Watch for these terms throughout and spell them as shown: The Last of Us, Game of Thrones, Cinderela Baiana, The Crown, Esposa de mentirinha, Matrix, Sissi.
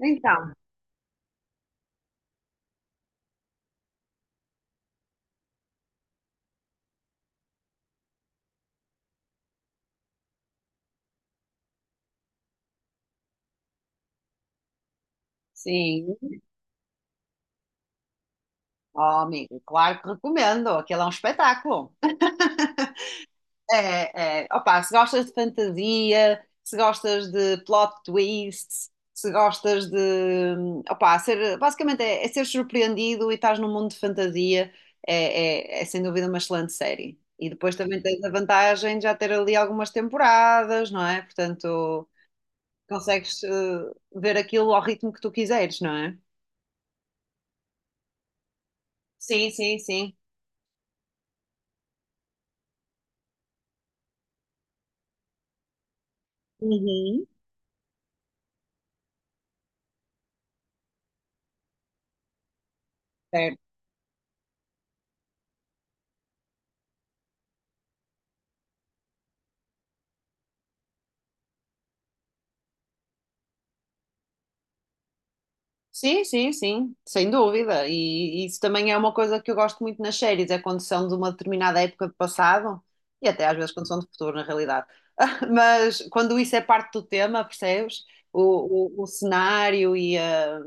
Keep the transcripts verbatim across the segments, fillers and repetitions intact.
Então, sim, ó, amigo, claro que recomendo, aquilo é um espetáculo. É, é, opa, se gostas de fantasia, se gostas de plot twists, se gostas de, opa, ser, basicamente é, é ser surpreendido e estás num mundo de fantasia, é, é, é sem dúvida uma excelente série. E depois também tens a vantagem de já ter ali algumas temporadas, não é? Portanto, consegues, eh, ver aquilo ao ritmo que tu quiseres, não é? Sim, sim, sim. Uhum. É. Sim, sim, sim, sem dúvida. E isso também é uma coisa que eu gosto muito nas séries, é quando são de uma determinada época do passado e até às vezes quando são de futuro, na realidade. Mas quando isso é parte do tema, percebes? O, o, o cenário e a,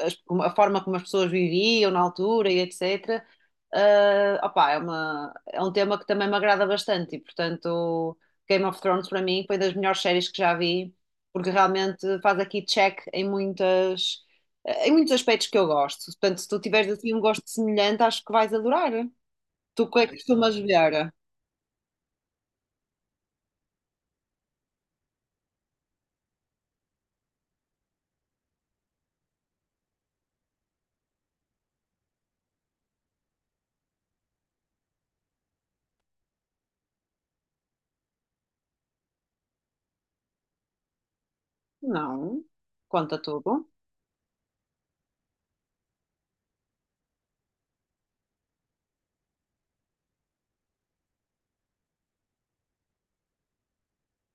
as- a forma como as pessoas viviam na altura e etcetera. Ah, opá, é uma, é um tema que também me agrada bastante e, portanto, Game of Thrones para mim foi das melhores séries que já vi, porque realmente faz aqui check em muitas, em muitos aspectos que eu gosto. Portanto, se tu tiveres assim um gosto semelhante, acho que vais adorar. Tu o que é que costumas ver? Não, conta tudo.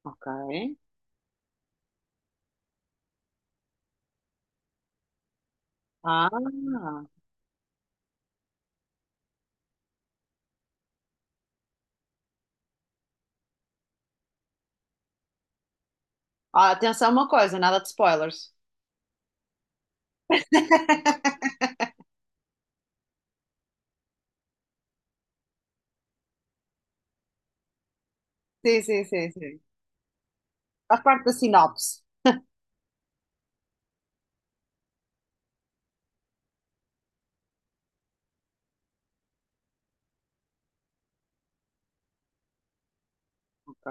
Ok. Ah, Ah, atenção a uma coisa, nada de spoilers. Sim, sim, sim, sim. Faz parte da sinopse. Ok.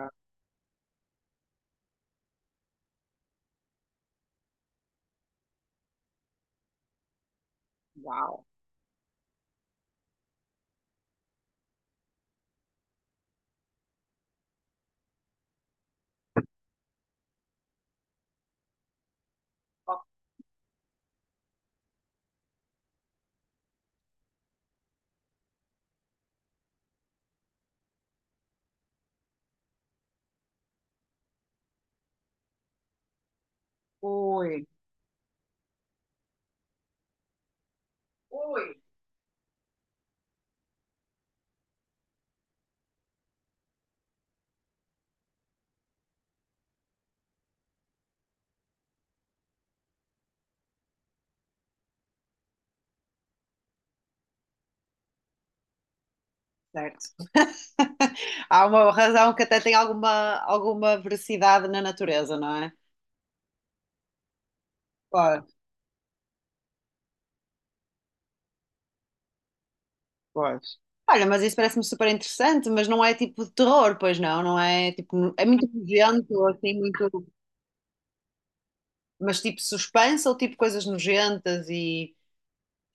Uau. Ok. Oi. Certo. Há uma razão que até tem alguma, alguma veracidade na natureza, não é? Claro, pois. Olha, mas isso parece-me super interessante, mas não é tipo de terror, pois não? Não é tipo, é muito nojento, assim, muito, mas tipo suspense ou tipo coisas nojentas e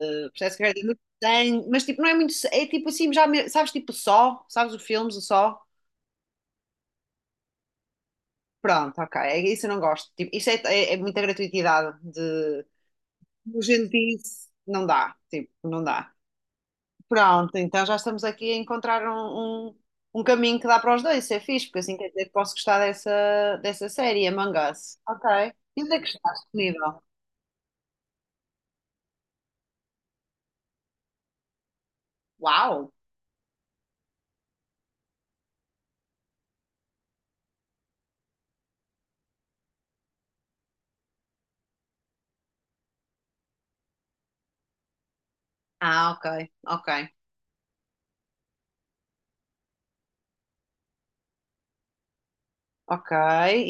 eh, parece que quer dizer, muito sangue, mas tipo, não é muito, é tipo assim, já me- sabes, tipo só, sabes os filmes, o só, pronto, ok, é- isso eu não gosto, tipo, isso é, é, é muita gratuitidade de. Como a gente Nojentice, não dá, tipo, não dá. Pronto, então já estamos aqui a encontrar um, um, um caminho que dá para os dois, isso é fixe, porque assim quer dizer que posso gostar dessa, dessa série, Among Us. Ok. E onde é que estás disponível? Uau! Ah, ok, ok, ok.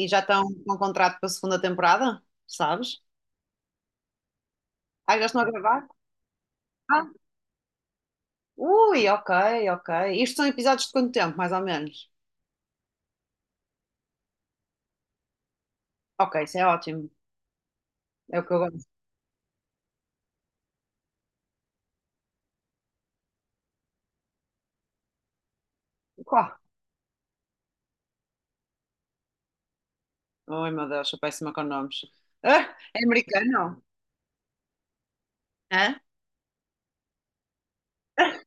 E já estão com um contrato para a segunda temporada? Sabes? Ah, já estão a gravar? Ah, ui, ok, ok. Isto são episódios de quanto tempo, mais ou menos? Ok, isso é ótimo. É o que eu gosto. Ai, meu Deus, sou péssima com nomes. Ah, é americano? Hã?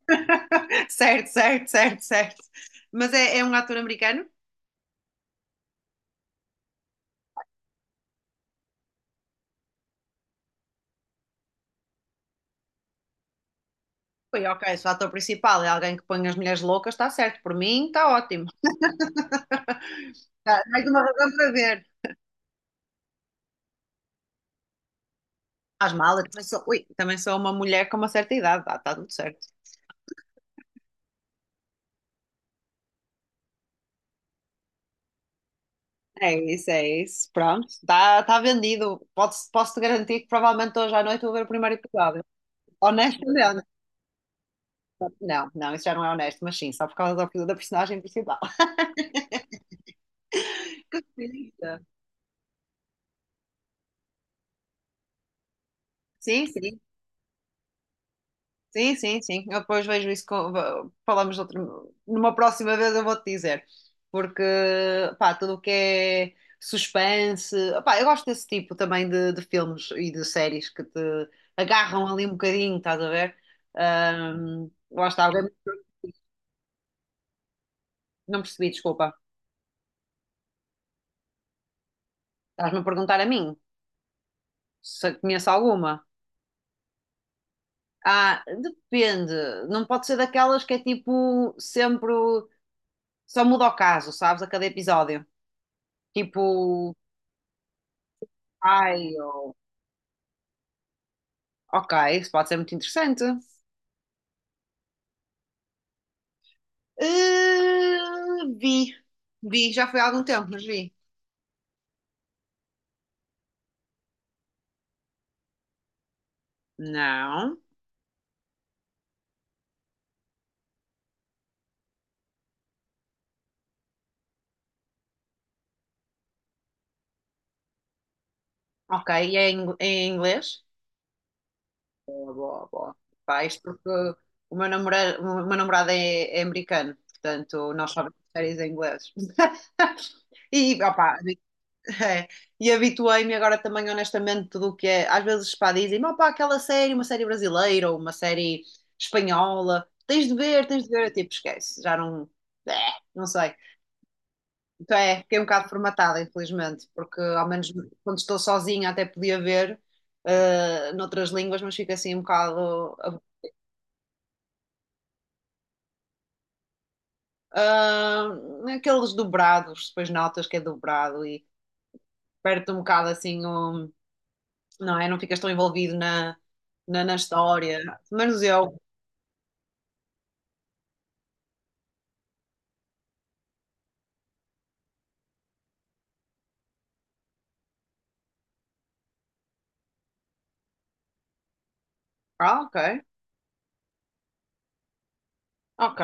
Certo, certo, certo, certo. Mas é, é um ator americano? Foi ok, se o ator principal é alguém que põe as mulheres loucas, está certo. Por mim, está ótimo. Ah, mais uma razão para ver. As malas, também sou, ui, também sou uma mulher com uma certa idade, está tá tudo certo. É isso, é isso. Pronto, está tá vendido. Posso, posso-te garantir que provavelmente hoje à noite vou ver o primeiro episódio. Honestamente. Não, não, isso já não é honesto, mas sim, só por causa da da personagem principal. Perfeita. Sim, sim, sim, sim, sim. Eu depois vejo isso, com, va- falamos de outro, numa próxima vez eu vou-te dizer, porque, pá, tudo o que é suspense, pá, eu gosto desse tipo também de, de filmes e de séries que te agarram ali um bocadinho, estás a ver? Ahm, lá está, alguém- não percebi, desculpa. Estás-me a perguntar a mim se conheço alguma. Ah, depende. Não pode ser daquelas que é tipo sempre. o- Só muda o caso, sabes? A cada episódio. Tipo, ai, ou- ok, isso pode ser muito interessante. Ah, vi, vi, já foi há algum tempo, mas vi. Não. Ok, e é em, é em inglês? Boa, boa, boa. Pá, isto porque o meu namorado, o meu namorado é, é americano, portanto, nós só vemos séries em inglês. E, opá, É, e habituei-me agora também, honestamente, tudo o que é. Às vezes, pá, dizem-me, opá, aquela série, uma série brasileira ou uma série espanhola, tens de ver, tens de ver. Eu, tipo, esquece, já não. É, não sei. Então é, fiquei um bocado formatada, infelizmente, porque ao menos quando estou sozinha até podia ver eh, noutras línguas, mas fica assim um bocado. ah, aqueles dobrados, depois notas que é dobrado e perde um bocado assim o não é? Não ficas tão envolvido na, na, na, história. Pelo menos eu. Ah, ok, ok,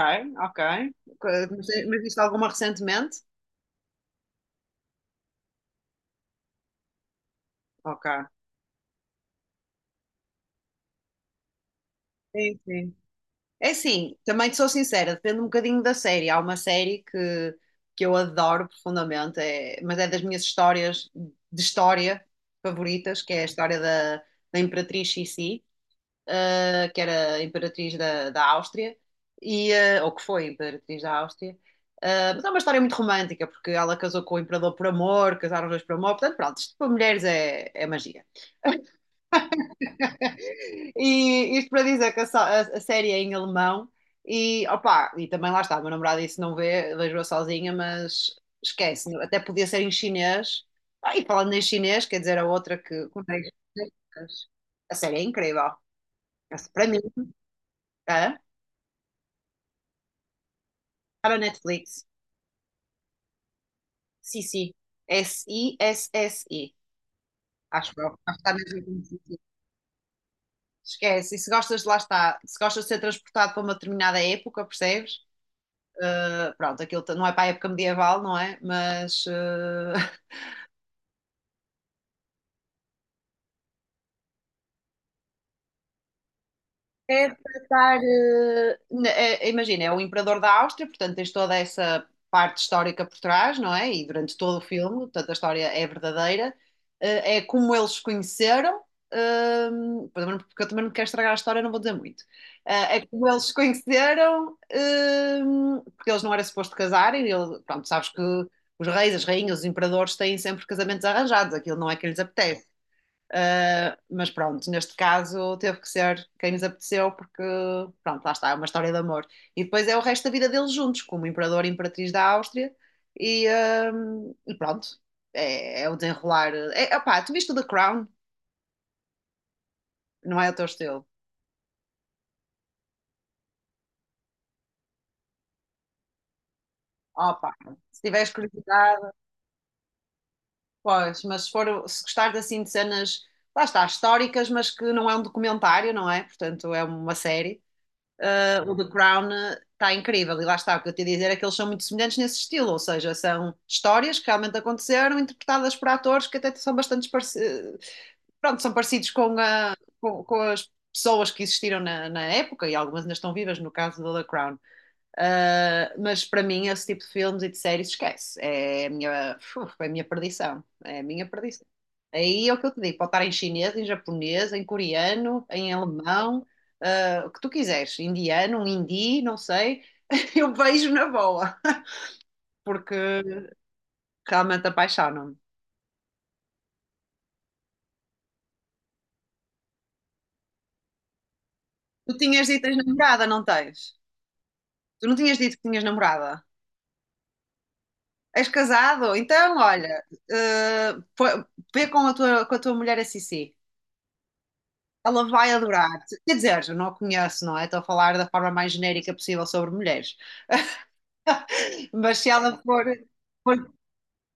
ok. Ok. Mas, mas viste alguma recentemente? Ok. Sim, sim. É assim, também te sou sincera, depende um bocadinho da série. Há uma série que, que eu adoro profundamente, é- mas é das minhas histórias de história favoritas, que é a história da, da Imperatriz Sissi. Eh, que era imperatriz da, da Áustria, e, eh, ou que foi imperatriz da Áustria. Eh, mas é uma história muito romântica, porque ela casou com o imperador por amor, casaram os dois por amor, portanto, pronto, isto para mulheres é, é magia. E isto para dizer que a, so- a- a série é em alemão e opa, e também lá está, o meu namorado disse não vê, vejo-a sozinha, mas esquece, até podia ser em chinês. Ah, e falando em chinês, quer dizer, a outra que consegue. A série é incrível. Essa para mim, é? Está no Netflix. Sissi. S-I-S-S-I. Acho que está mesmo como Sissi. Esquece. E se gostas, de lá está. Se gostas de ser transportado para uma determinada época, percebes? Eh, pronto, aquilo t- não é para a época medieval, não é? Mas eh, é para estar, eh, na- é- imagina, é o imperador da Áustria, portanto tens toda essa parte histórica por trás, não é? E durante todo o filme, portanto a história é verdadeira. Eh, é como eles se conheceram, ehm, porque eu também não quero estragar a história, não vou dizer muito. Eh, é como eles se conheceram, ehm, porque eles não era suposto casarem, e ele, pronto, sabes que os reis, as rainhas, os imperadores têm sempre casamentos arranjados, aquilo não é que lhes apetece. Uh, mas pronto, neste caso teve que ser quem nos apeteceu, porque pronto, lá está, é uma história de amor. E depois é o resto da vida deles juntos, como imperador e imperatriz da Áustria, e, um, e pronto, é, é o desenrolar. É, opá, tu viste o The Crown? Não é o teu estilo? Opa, se tiveres curiosidade, pois, mas se, for, se gostares assim de cenas, lá está, históricas, mas que não é um documentário, não é? Portanto, é uma série. Uh, o The Crown está incrível. E lá está, o que eu te ia dizer é que eles são muito semelhantes nesse estilo, ou seja, são histórias que realmente aconteceram, interpretadas por atores que até são bastante parecidos, pronto, são parecidos com, a, com, com as pessoas que existiram na, na época e algumas ainda estão vivas, no caso do The Crown. Uh, mas para mim, esse tipo de filmes e de séries, esquece. É a minha, uf, é a minha perdição. É a minha perdição. Aí é o que eu te digo: pode estar em chinês, em japonês, em coreano, em alemão, uh, o que tu quiseres. Indiano, um hindi, não sei. Eu vejo na boa, porque realmente apaixono-me. Tu tinhas dito que tens namorada, não tens? Tu não tinhas dito que tinhas namorada? És casado? Então, olha, uh, foi- vê com a tua, com a tua mulher a Sissi. Ela vai adorar. Quer dizer, eu não a conheço, não é? Estou a falar da forma mais genérica possível sobre mulheres. Mas se ela for, for-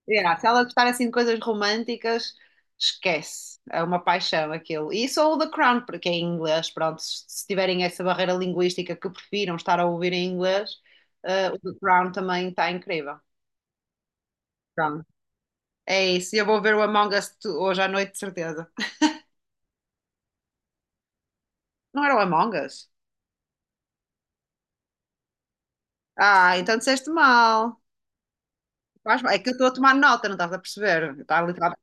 yeah, se ela gostar assim de coisas românticas, esquece. É uma paixão aquilo. E só o The Crown, porque é em inglês, pronto. Se se tiverem essa barreira linguística que prefiram estar a ouvir em inglês, eh, o The Crown também está incrível. Pronto. É isso. E Eu vou ver o Among Us tu- hoje à noite, de certeza. Não era o Among Us? Ah, então disseste mal. Faz mal. É que eu estou a tomar nota, não estás a perceber? Está ali, está...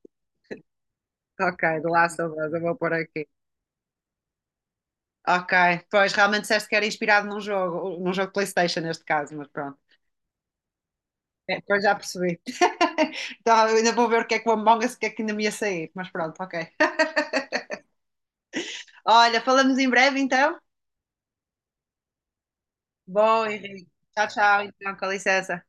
Ok, The Last of Us, eu vou pôr aqui. Ok, pois realmente disseste que era inspirado num jogo, num jogo de PlayStation neste caso, mas pronto. É, pois já percebi. Então eu ainda vou ver o que é que o Among Us, o que é que ainda me ia sair, mas pronto, ok. Olha, falamos em breve então. Bom, Henrique. Tchau, tchau, então, com licença.